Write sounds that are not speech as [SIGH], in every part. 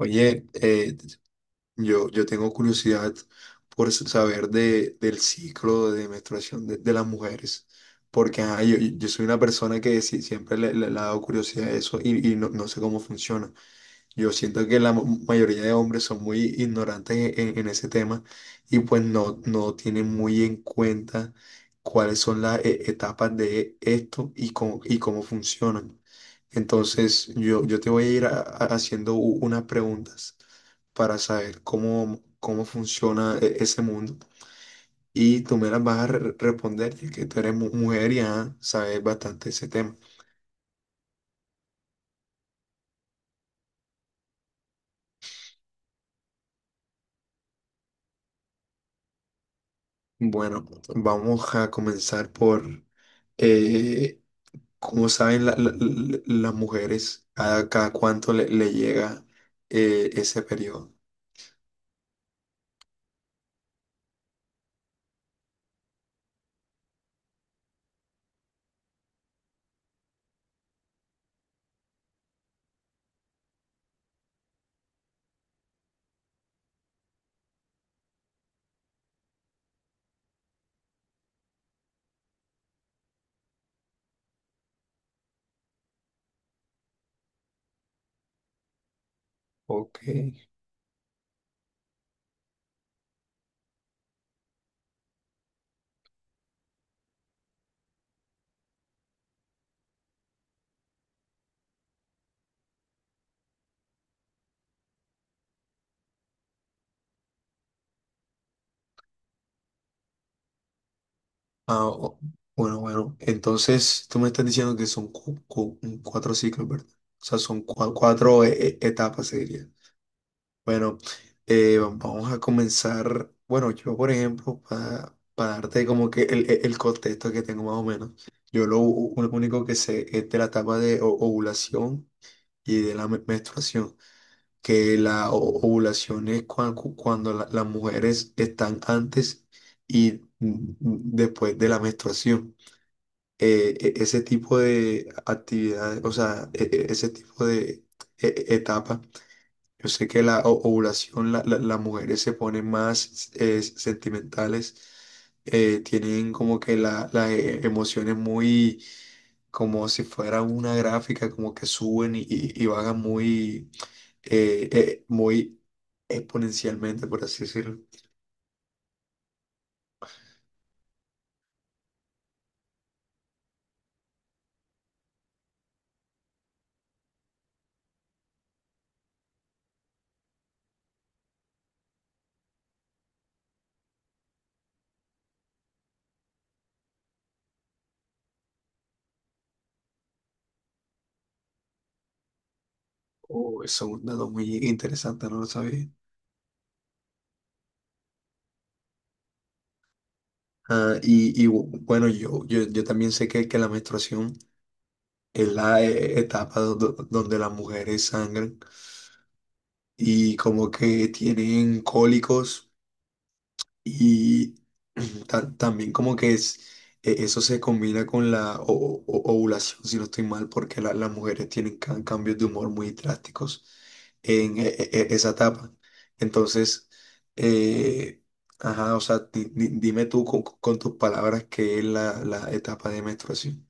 Oye, yo tengo curiosidad por saber del ciclo de menstruación de las mujeres, porque ajá, yo soy una persona que siempre le ha dado curiosidad a eso y no sé cómo funciona. Yo siento que la mayoría de hombres son muy ignorantes en ese tema y pues no tienen muy en cuenta cuáles son las etapas de esto y cómo funcionan. Entonces, yo te voy a ir haciendo unas preguntas para saber cómo funciona ese mundo y tú me las vas a responder ya que tú eres mujer y ajá, sabes bastante ese tema. Bueno, vamos a comenzar. Eh, Como saben, las mujeres, cada cuánto le llega ese periodo? Ok. Ah, bueno, bueno. Entonces, tú me estás diciendo que son cuatro ciclos, ¿verdad? O sea, son cuatro etapas, se diría. Bueno, vamos a comenzar. Bueno, yo, por ejemplo, darte como que el contexto que tengo más o menos, lo único que sé es de la etapa de ovulación y de la menstruación, que la ovulación es cuando las mujeres están antes y después de la menstruación. E- ese tipo de actividades, o sea, ese tipo de etapa, yo sé que la ovulación, las mujeres se ponen más sentimentales, tienen como que las emociones muy, como si fuera una gráfica, como que suben y bajan muy exponencialmente, por así decirlo. Oh, eso es un dato muy interesante, no lo sabía. Bueno, yo también sé que la menstruación es la etapa donde las mujeres sangran y como que tienen cólicos. Y [CLEARS THROAT] también como que es. Eso se combina con la ovulación, si no estoy mal, porque las mujeres tienen cambios de humor muy drásticos en esa etapa. Entonces, eh, ajá, o sea, dime tú con tus palabras qué es la etapa de menstruación.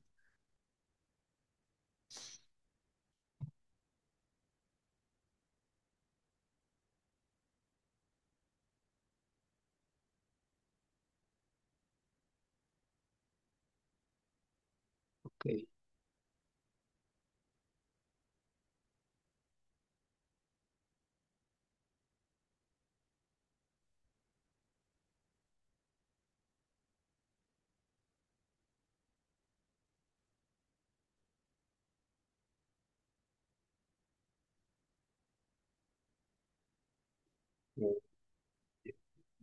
Ok,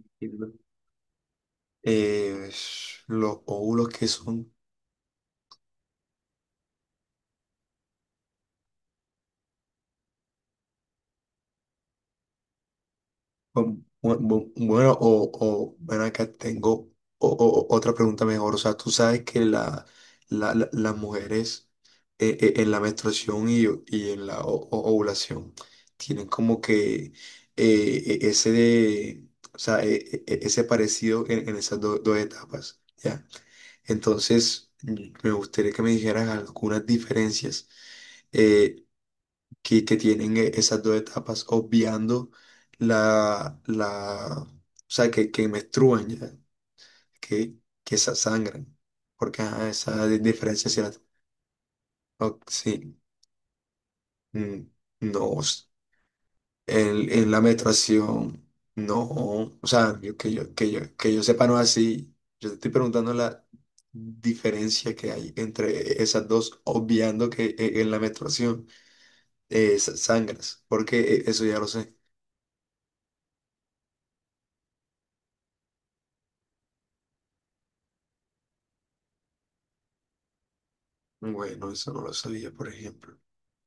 entiendo. Eh, los óvulos que son. Pues, Bu- bu- Bueno, o ven acá, tengo otra pregunta mejor. O sea, tú sabes que las mujeres en la menstruación y en la ovulación tienen como que eh, eh, ese de, o sea, ese parecido en esas dos etapas, ¿ya? Entonces, me gustaría que me dijeras algunas diferencias eh, que tienen esas dos etapas, obviando o sea, que menstruan ya, que, que esa sangran, porque ajá, esa diferencia sí, la- o- sí, mm, no, en la menstruación, no, o sea, que yo sepa no es así. Yo te estoy preguntando la diferencia que hay entre esas dos, obviando que en la menstruación sangras, porque eso ya lo sé. Bueno, eso no lo sabía, por ejemplo.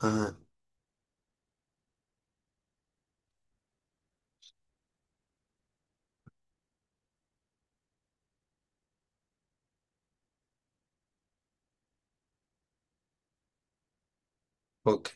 Ah, ok,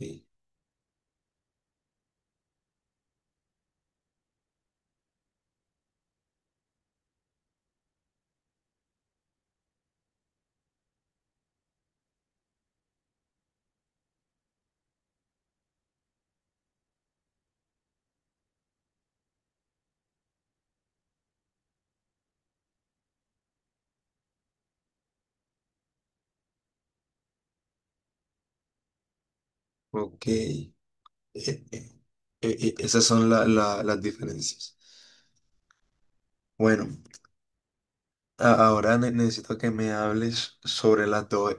ok. Eh, eh, Esas son las diferencias. Bueno, ahora necesito que me hables sobre las dos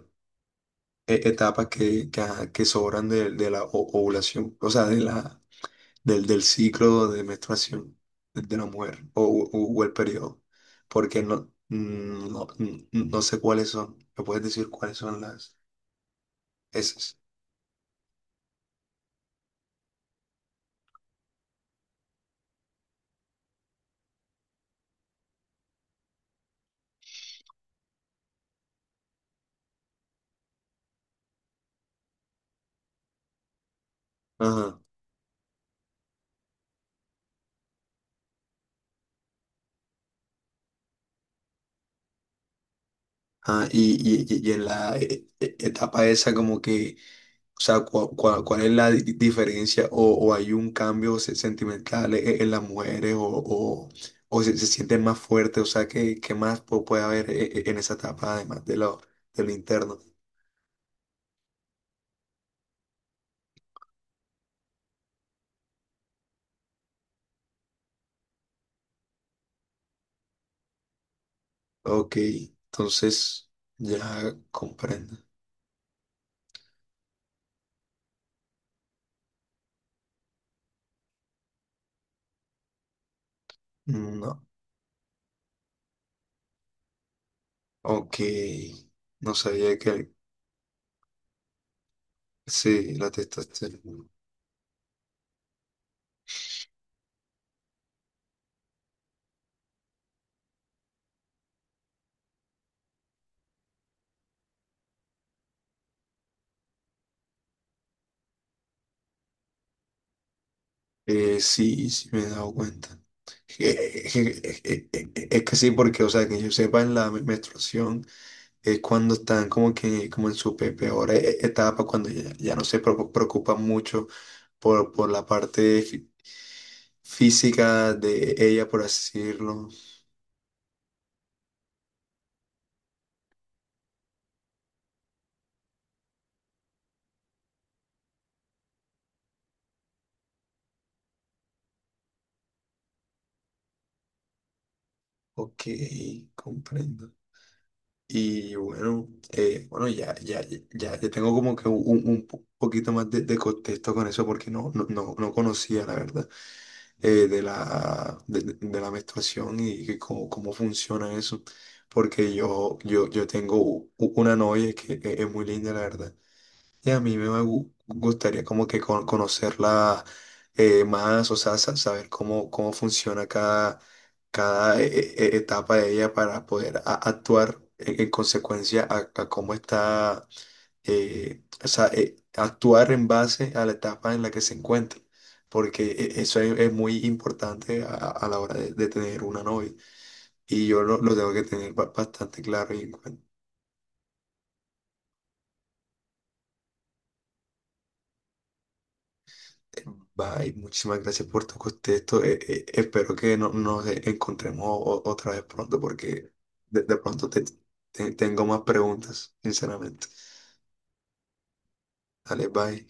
etapas ajá, que sobran de la ovulación, o sea, del ciclo de menstruación de la mujer o el periodo, porque no sé cuáles son. ¿Me puedes decir cuáles son las esas? Ajá. Y en la etapa esa como que, o sea, ¿cuál es la diferencia o hay un cambio sentimental en las mujeres o se sienten más fuertes? O sea, ¿qué más puede haber en esa etapa además de de lo interno? Ok, entonces ya comprendo. No, ok, no sabía que sí, la testosterona. Sí, sí me he dado cuenta. Je- Es que sí, porque, o sea, que yo sepa, en la menstruación es cuando están como que, como en su peor etapa, cuando ya no se preocupan mucho por la parte física de ella, por así decirlo. Ok, comprendo. Y bueno, ya tengo como que un poquito más de contexto con eso, porque no conocía, la verdad. De la menstruación y que cómo funciona eso. Porque yo tengo una novia que es muy linda, la verdad. Y a mí me gustaría como que conocerla más, o sea, saber cómo funciona cada etapa de ella para poder actuar en consecuencia a cómo está o sea, actuar en base a la etapa en la que se encuentra, porque eso es muy importante a la hora de tener una novia. Y yo lo tengo que tener bastante claro y en cuenta. Bye, muchísimas gracias por tu contexto. Espero que no, nos encontremos otra vez pronto, porque de pronto tengo más preguntas, sinceramente. Dale, bye.